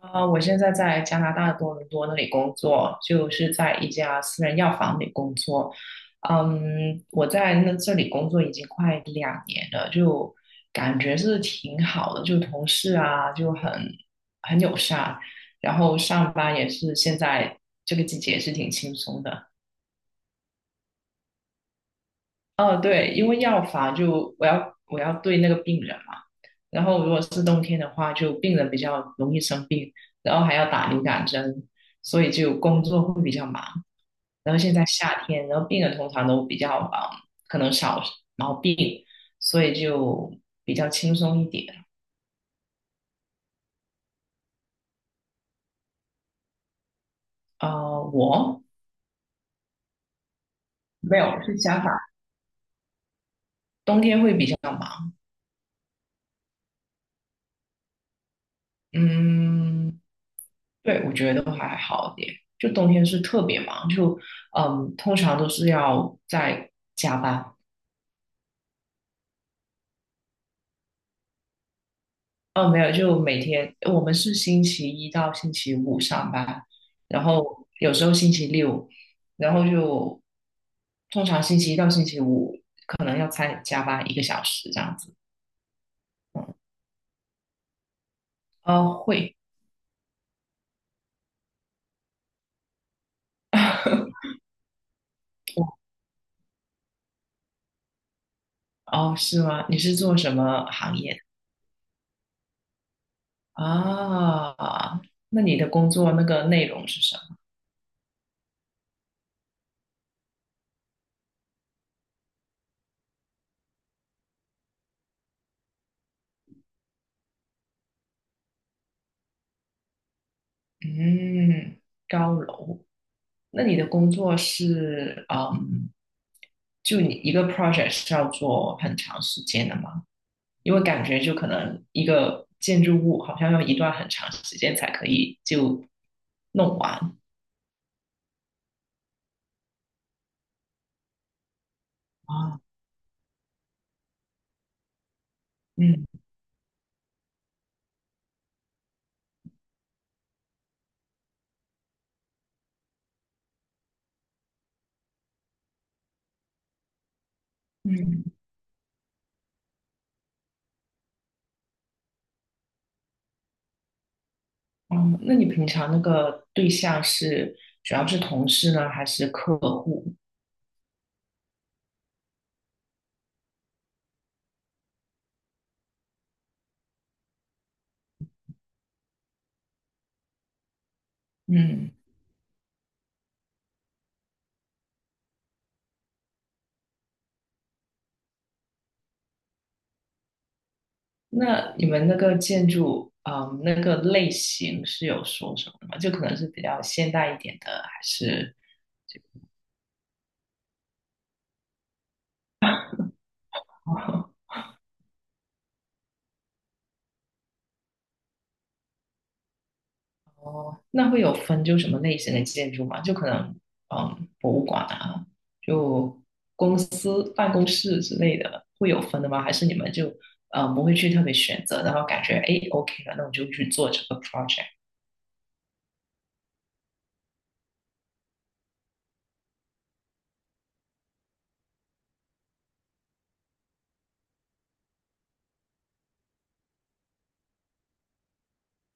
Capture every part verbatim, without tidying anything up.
啊，我现在在加拿大的多伦多那里工作，就是在一家私人药房里工作。嗯，我在那这里工作已经快两年了，就感觉是挺好的，就同事啊就很很友善，然后上班也是现在这个季节也是挺轻松的。哦，对，因为药房就我要我要对那个病人嘛，然后如果是冬天的话，就病人比较容易生病，然后还要打流感针，所以就工作会比较忙。然后现在夏天，然后病人通常都比较啊、呃可能少毛病，所以就比较轻松一点。呃，我没有是相反，冬天会比较忙。嗯，对，我觉得都还好一点。就冬天是特别忙，就嗯，通常都是要在加班。哦，没有，就每天我们是星期一到星期五上班，然后有时候星期六，然后就通常星期一到星期五可能要再加班一个小时这样子。嗯，哦，会，哦，是吗？你是做什么行业的啊？那你的工作那个内容是什么？嗯，高楼。那你的工作是嗯，就你一个 project 是要做很长时间的吗？因为感觉就可能一个建筑物好像要一段很长时间才可以就弄完啊。嗯，嗯，哦，那你平常那个对象是主要是同事呢，还是客户？嗯，那你们那个建筑，嗯，那个类型是有说什么的吗？就可能是比较现代一点的，还是，哦，那会有分就什么类型的建筑吗？就可能，嗯，博物馆啊，就公司办公室之类的，会有分的吗？还是你们就，呃，不会去特别选择，然后感觉，哎，OK 了，那我就去做这个 project。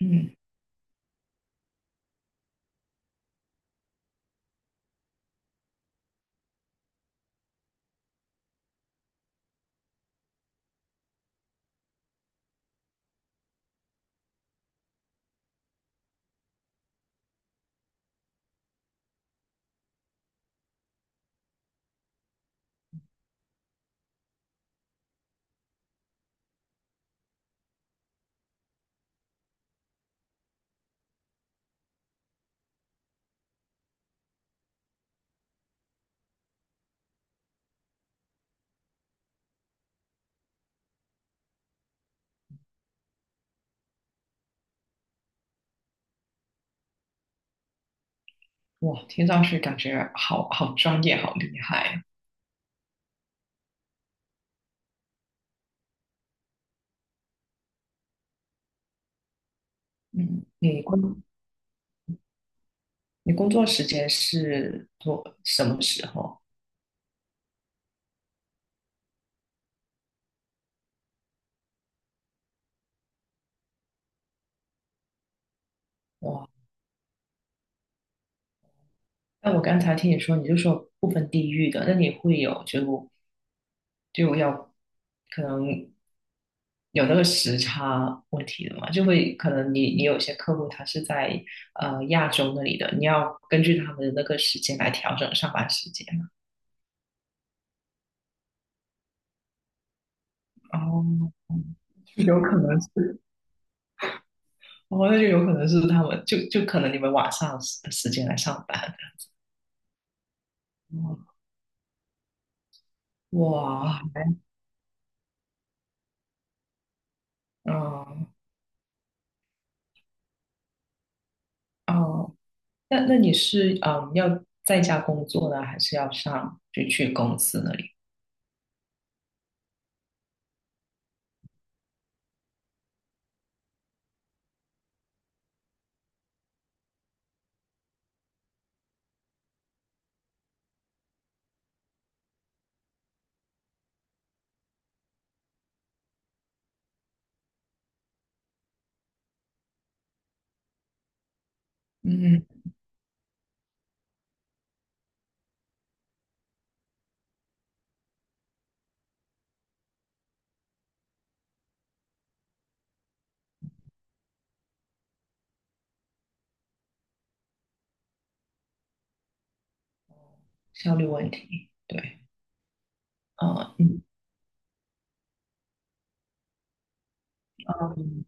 嗯。哇，听上去感觉好好专业，好厉害啊。嗯，你工你工作时间是多什么时候？哇，那我刚才听你说，你就说不分地域的，那你会有就就要可能有那个时差问题的嘛？就会可能你你有些客户他是在呃亚洲那里的，你要根据他们的那个时间来调整上班时间。哦，有可能是。哦，那就有可能是他们，就就可能你们晚上的时间来上班。哦，哇，哦，哦，那那你是嗯要在家工作呢，还是要上就去公司那里？嗯，效率问题，对，嗯，嗯，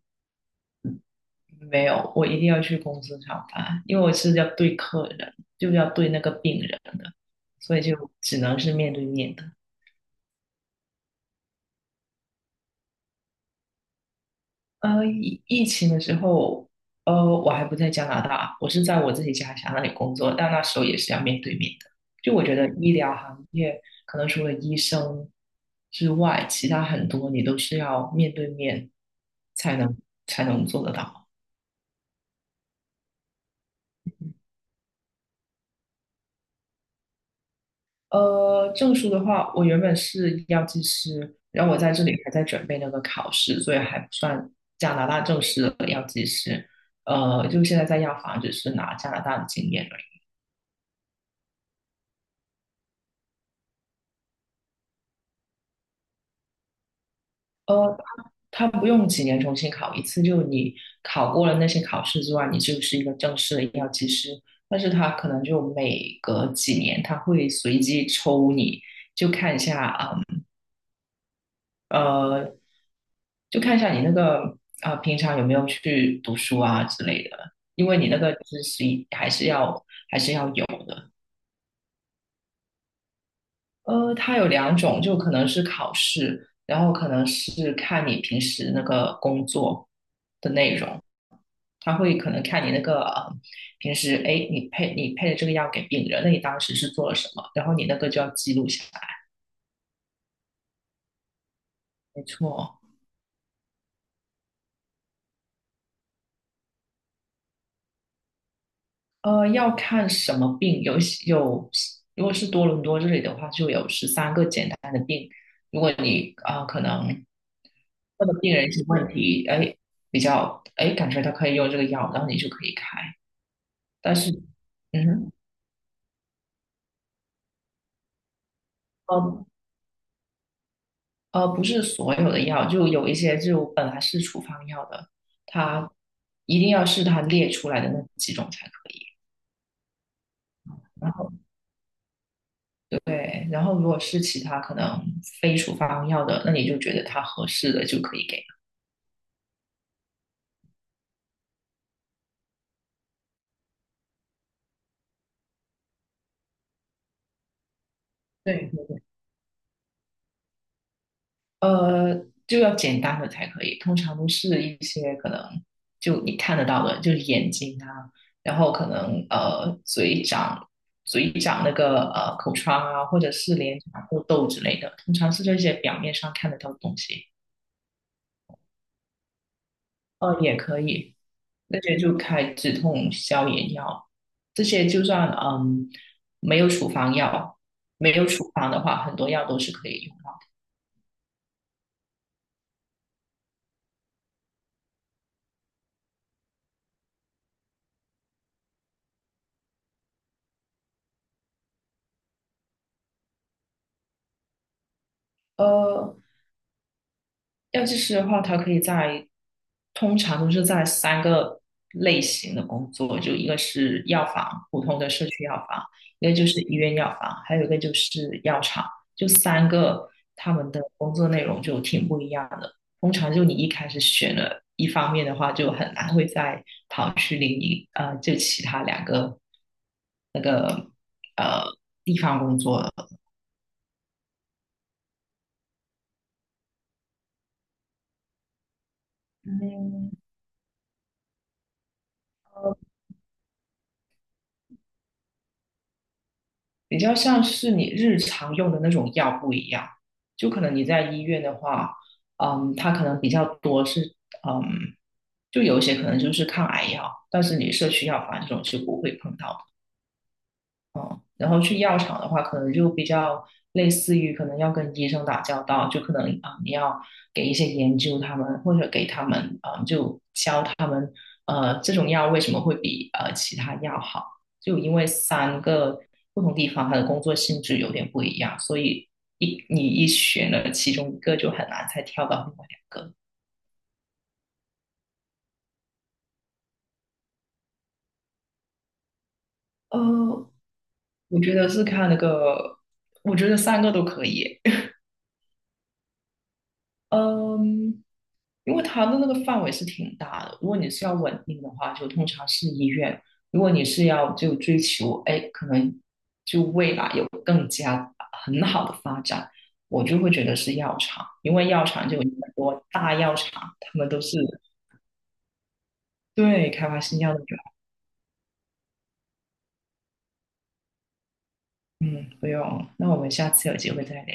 没有，我一定要去公司上班，因为我是要对客人，就是要对那个病人的，所以就只能是面对面的。呃，疫疫情的时候，呃，我还不在加拿大，我是在我自己家乡那里工作，但那时候也是要面对面的。就我觉得医疗行业，可能除了医生之外，其他很多你都是要面对面才能才能做得到。呃，证书的话，我原本是药剂师，然后我在这里还在准备那个考试，所以还不算加拿大正式的药剂师。呃，就现在在药房只是拿加拿大的经验。呃，他不用几年重新考一次，就你考过了那些考试之外，你就是一个正式的医药技师。但是他可能就每隔几年，他会随机抽你，就看一下啊、呃，就看一下你那个啊、呃平常有没有去读书啊之类的，因为你那个知识还是要还是要有的。呃，它有两种，就可能是考试，然后可能是看你平时那个工作的内容。他会可能看你那个呃平时，哎，你配你配的这个药给病人，那你当时是做了什么？然后你那个就要记录下来。没错，呃，要看什么病，有有，如果是多伦多这里的话，就有十三个简单的病。如果你啊、呃可能问的病人一些问题，哎，比较哎感觉他可以用这个药，然后你就可以开。但是，嗯哼，呃，呃，不是所有的药，就有一些就本来是处方药的，它一定要是它列出来的那几种才可以。然后对，然后如果是其他可能非处方药的，那你就觉得它合适的就可以给。对，呃，就要简单的才可以，通常都是一些可能就你看得到的，就是眼睛啊，然后可能呃嘴长嘴长那个呃口疮啊，或者是脸长痘痘之类的，通常是这些表面上看得到的东西。呃，也可以，那些就开止痛消炎药，这些就算嗯没有处方药，没有处方的话，很多药都是可以用的。呃，药剂师的话，他可以在通常都是在三个类型的工作，就一个是药房，普通的社区药房，一个就是医院药房，还有一个就是药厂，就三个他们的工作内容就挺不一样的。通常就你一开始选了一方面的话，就很难会在跑去另一呃，就其他两个那个呃。嗯，比较像是你日常用的那种药不一样，就可能你在医院的话，嗯，它可能比较多是，嗯，就有一些可能就是抗癌药，但是你社区药房这种是不会碰到的。然后去药厂的话，可能就比较类似于可能要跟医生打交道，就可能啊、嗯你要给一些研究他们，或者给他们啊、嗯就教他们呃这种药为什么会比呃其他药好，就因为三个不同地方它的工作性质有点不一样，所以一你一选了其中一个就很难再跳到另外两个。呃，我觉得是看那个，我觉得三个都可以。嗯，因为它的那个范围是挺大的。如果你是要稳定的话，就通常是医院；如果你是要就追求，哎，可能就未来有更加很好的发展，我就会觉得是药厂，因为药厂就有很多大药厂，他们都是对开发新药的人。嗯，不用，那我们下次有机会再聊。